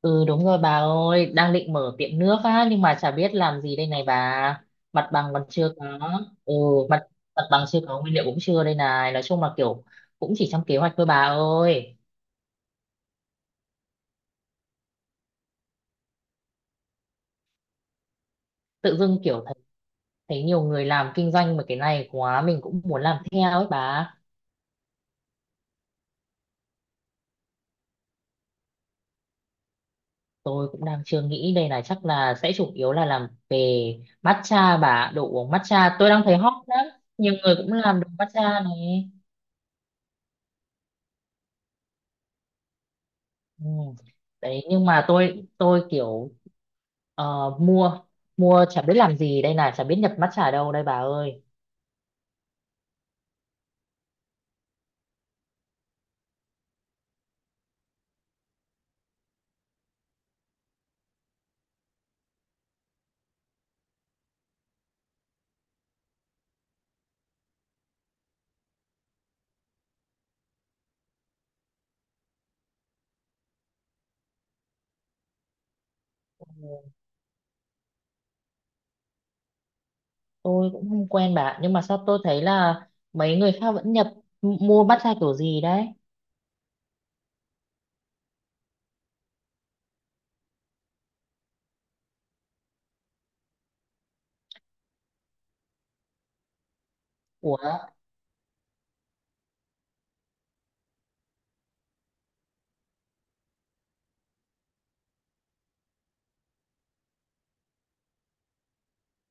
Ừ đúng rồi bà ơi, đang định mở tiệm nước á nhưng mà chả biết làm gì đây này bà. Mặt bằng còn chưa có. Ừ, mặt mặt bằng chưa có, nguyên liệu cũng chưa đây này. Nói chung là kiểu cũng chỉ trong kế hoạch thôi bà ơi. Tự dưng kiểu thấy nhiều người làm kinh doanh mà cái này quá mình cũng muốn làm theo ấy bà. Tôi cũng đang chưa nghĩ đây này, chắc là sẽ chủ yếu là làm về matcha bà, đồ uống matcha. Tôi đang thấy hot lắm. Nhiều người cũng làm đồ matcha này. Ừ. Đấy nhưng mà tôi kiểu ờ, mua mua chả biết làm gì đây này, chả biết nhập matcha ở đâu đây bà ơi. Tôi cũng không quen bà, nhưng mà sao tôi thấy là mấy người khác vẫn nhập mua matcha kiểu gì đấy. Ủa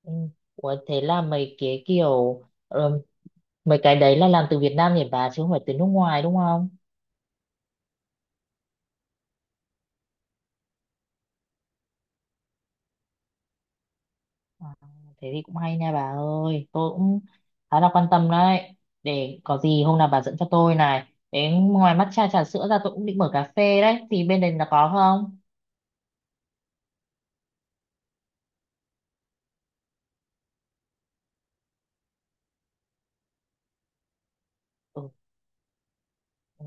ừ, ủa thế là mấy cái kiểu ờ, mấy cái đấy là làm từ Việt Nam nhỉ bà, chứ không phải từ nước ngoài đúng không? À, thế thì cũng hay nha bà ơi, tôi cũng khá là quan tâm đấy. Để có gì hôm nào bà dẫn cho tôi này, đến ngoài matcha trà sữa ra tôi cũng định mở cà phê đấy, thì bên đây là có không? Ừ. Ừ,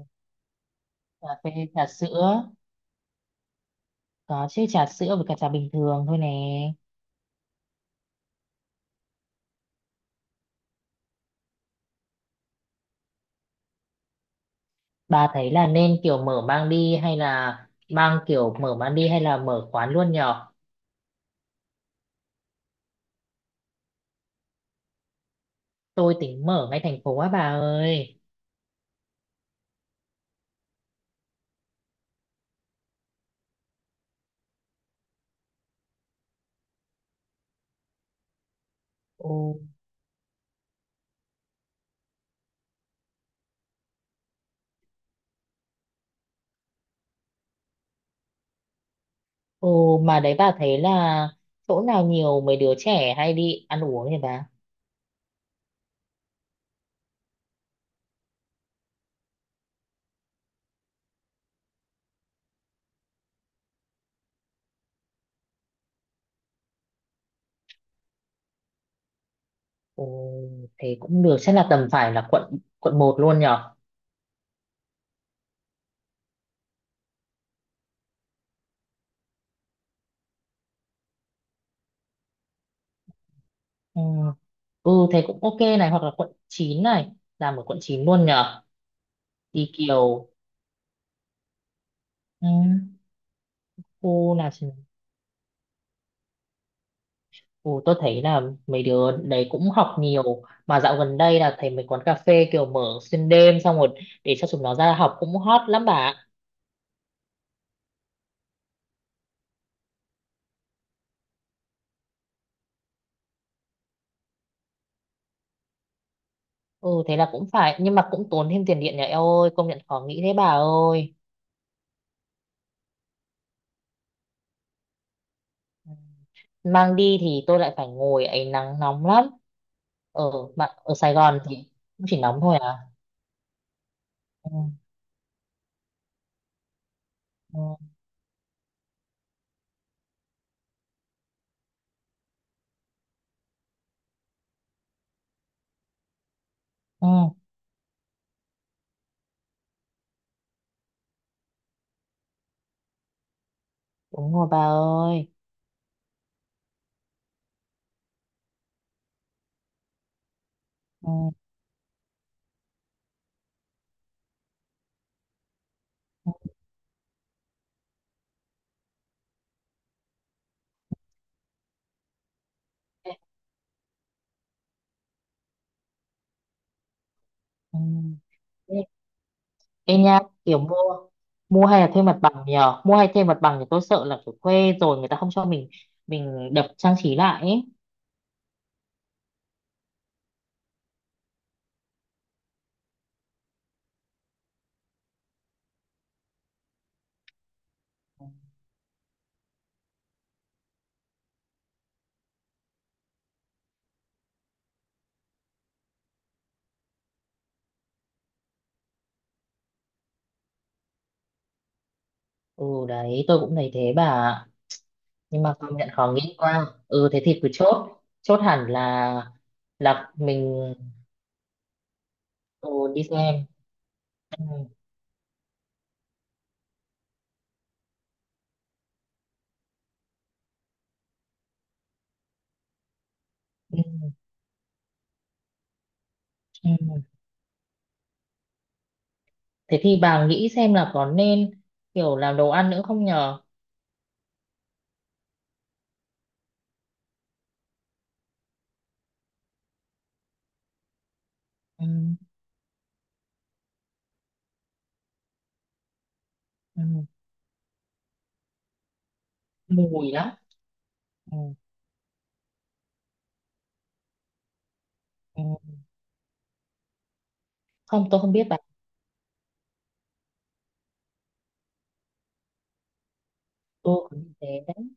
cà phê, trà sữa có chứ, trà sữa với cả trà bình thường thôi nè. Bà thấy là nên kiểu mở mang đi hay là mang kiểu mở mang đi hay là mở quán luôn nhở? Tôi tính mở ngay thành phố á bà ơi. Ồ. Ồ mà đấy, bà thấy là chỗ nào nhiều mấy đứa trẻ hay đi ăn uống nhỉ bà? Ồ, thế cũng được, chắc là tầm phải là quận quận một luôn nhở. Ừ. Ừ, thế cũng ok này, hoặc là quận 9 này, làm ở quận 9 luôn nhở. Đi kiểu, ừ. Cô là, ừ, tôi thấy là mấy đứa đấy cũng học nhiều mà dạo gần đây là thấy mấy quán cà phê kiểu mở xuyên đêm, xong rồi để cho chúng nó ra học cũng hot lắm bà ạ. Ừ thế là cũng phải, nhưng mà cũng tốn thêm tiền điện nhà, eo ơi, công nhận khó nghĩ thế bà ơi. Ừ. Mang đi thì tôi lại phải ngồi ấy, nắng nóng lắm. Ở bạn ở Sài Gòn thì cũng chỉ nóng thôi à? Ừ, ừ, ừ, đúng rồi bà ơi. Ừ, ê, ừ. Ê, ê nha, mua mua hay là thuê mặt bằng nhờ, mua hay thuê mặt bằng thì tôi sợ là kiểu thuê rồi người ta không cho mình đập trang trí lại ấy. Ừ đấy, tôi cũng thấy thế bà ạ. Nhưng mà công nhận khó nghĩ quá, ừ thế thì cứ chốt, chốt hẳn là mình, ừ, đi xem. Ừ, ừ, ừ. Thế thì bà nghĩ xem là có nên kiểu làm đồ ăn nữa không nhờ? Ừ, ừ, mùi lắm. Ừ, ừ. Không, tôi không biết bà. Tôi có như thế đấy.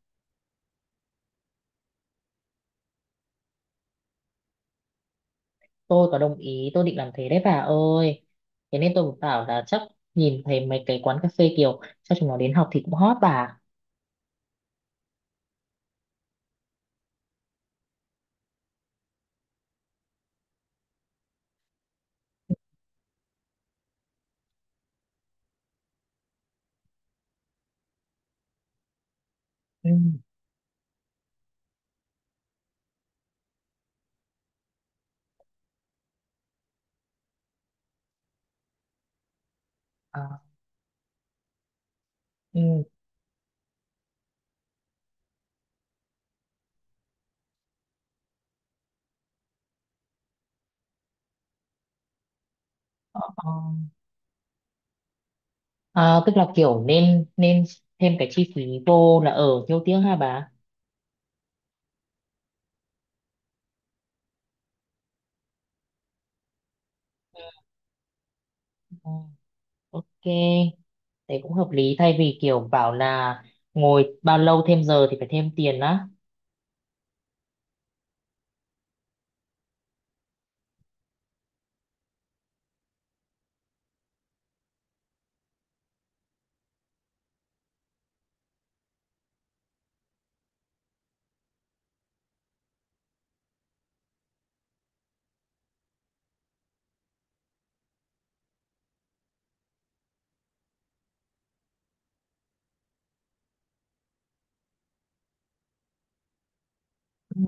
Tôi có đồng ý, tôi định làm thế đấy bà ơi. Thế nên tôi cũng bảo là chắc nhìn thấy mấy cái quán cà phê kiểu cho chúng nó đến học thì cũng hot bà. Ừ. À, ừ. ờ. À, tức là kiểu nên nên thêm cái chi phí vô là ở nhiêu tiếng hả bà? Ừ, ok. Thế cũng hợp lý, thay vì kiểu bảo là ngồi bao lâu thêm giờ thì phải thêm tiền á. Ừ,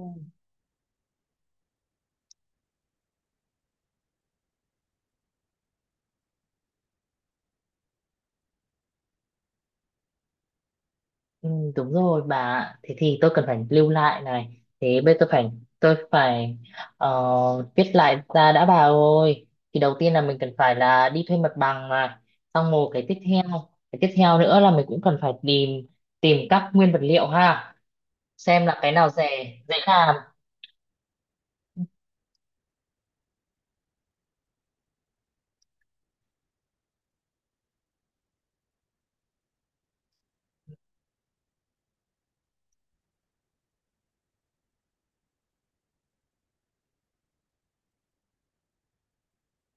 ừ, đúng rồi bà ạ. Thế thì tôi cần phải lưu lại này, thế bây giờ tôi phải tôi phải viết lại ra đã bà ơi. Thì đầu tiên là mình cần phải là đi thuê mặt bằng này. Xong rồi cái tiếp theo, nữa là mình cũng cần phải tìm tìm các nguyên vật liệu ha, xem là cái nào rẻ dễ làm.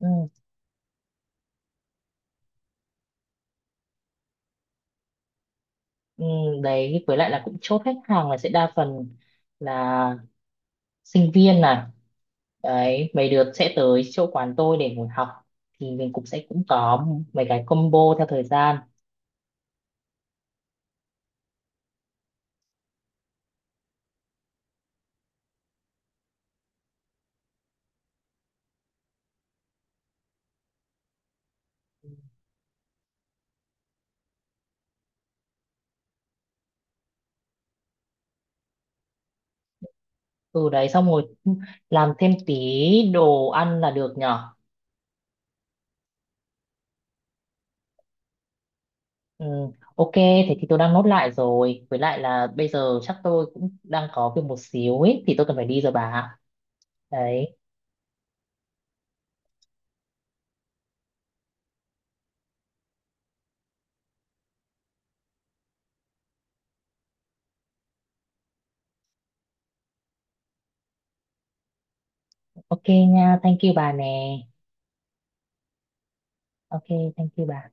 Ừ, ừ, đấy với lại là cũng chốt khách hàng là sẽ đa phần là sinh viên à, đấy mấy đứa sẽ tới chỗ quán tôi để ngồi học, thì mình cũng sẽ cũng có mấy cái combo theo thời gian. Ừ đấy xong rồi làm thêm tí đồ ăn là được nhở. Ừ, ok thế thì tôi đang nốt lại rồi, với lại là bây giờ chắc tôi cũng đang có việc một xíu ấy thì tôi cần phải đi rồi bà. Đấy, ok nha, thank you bà nè. Ok, thank you bà.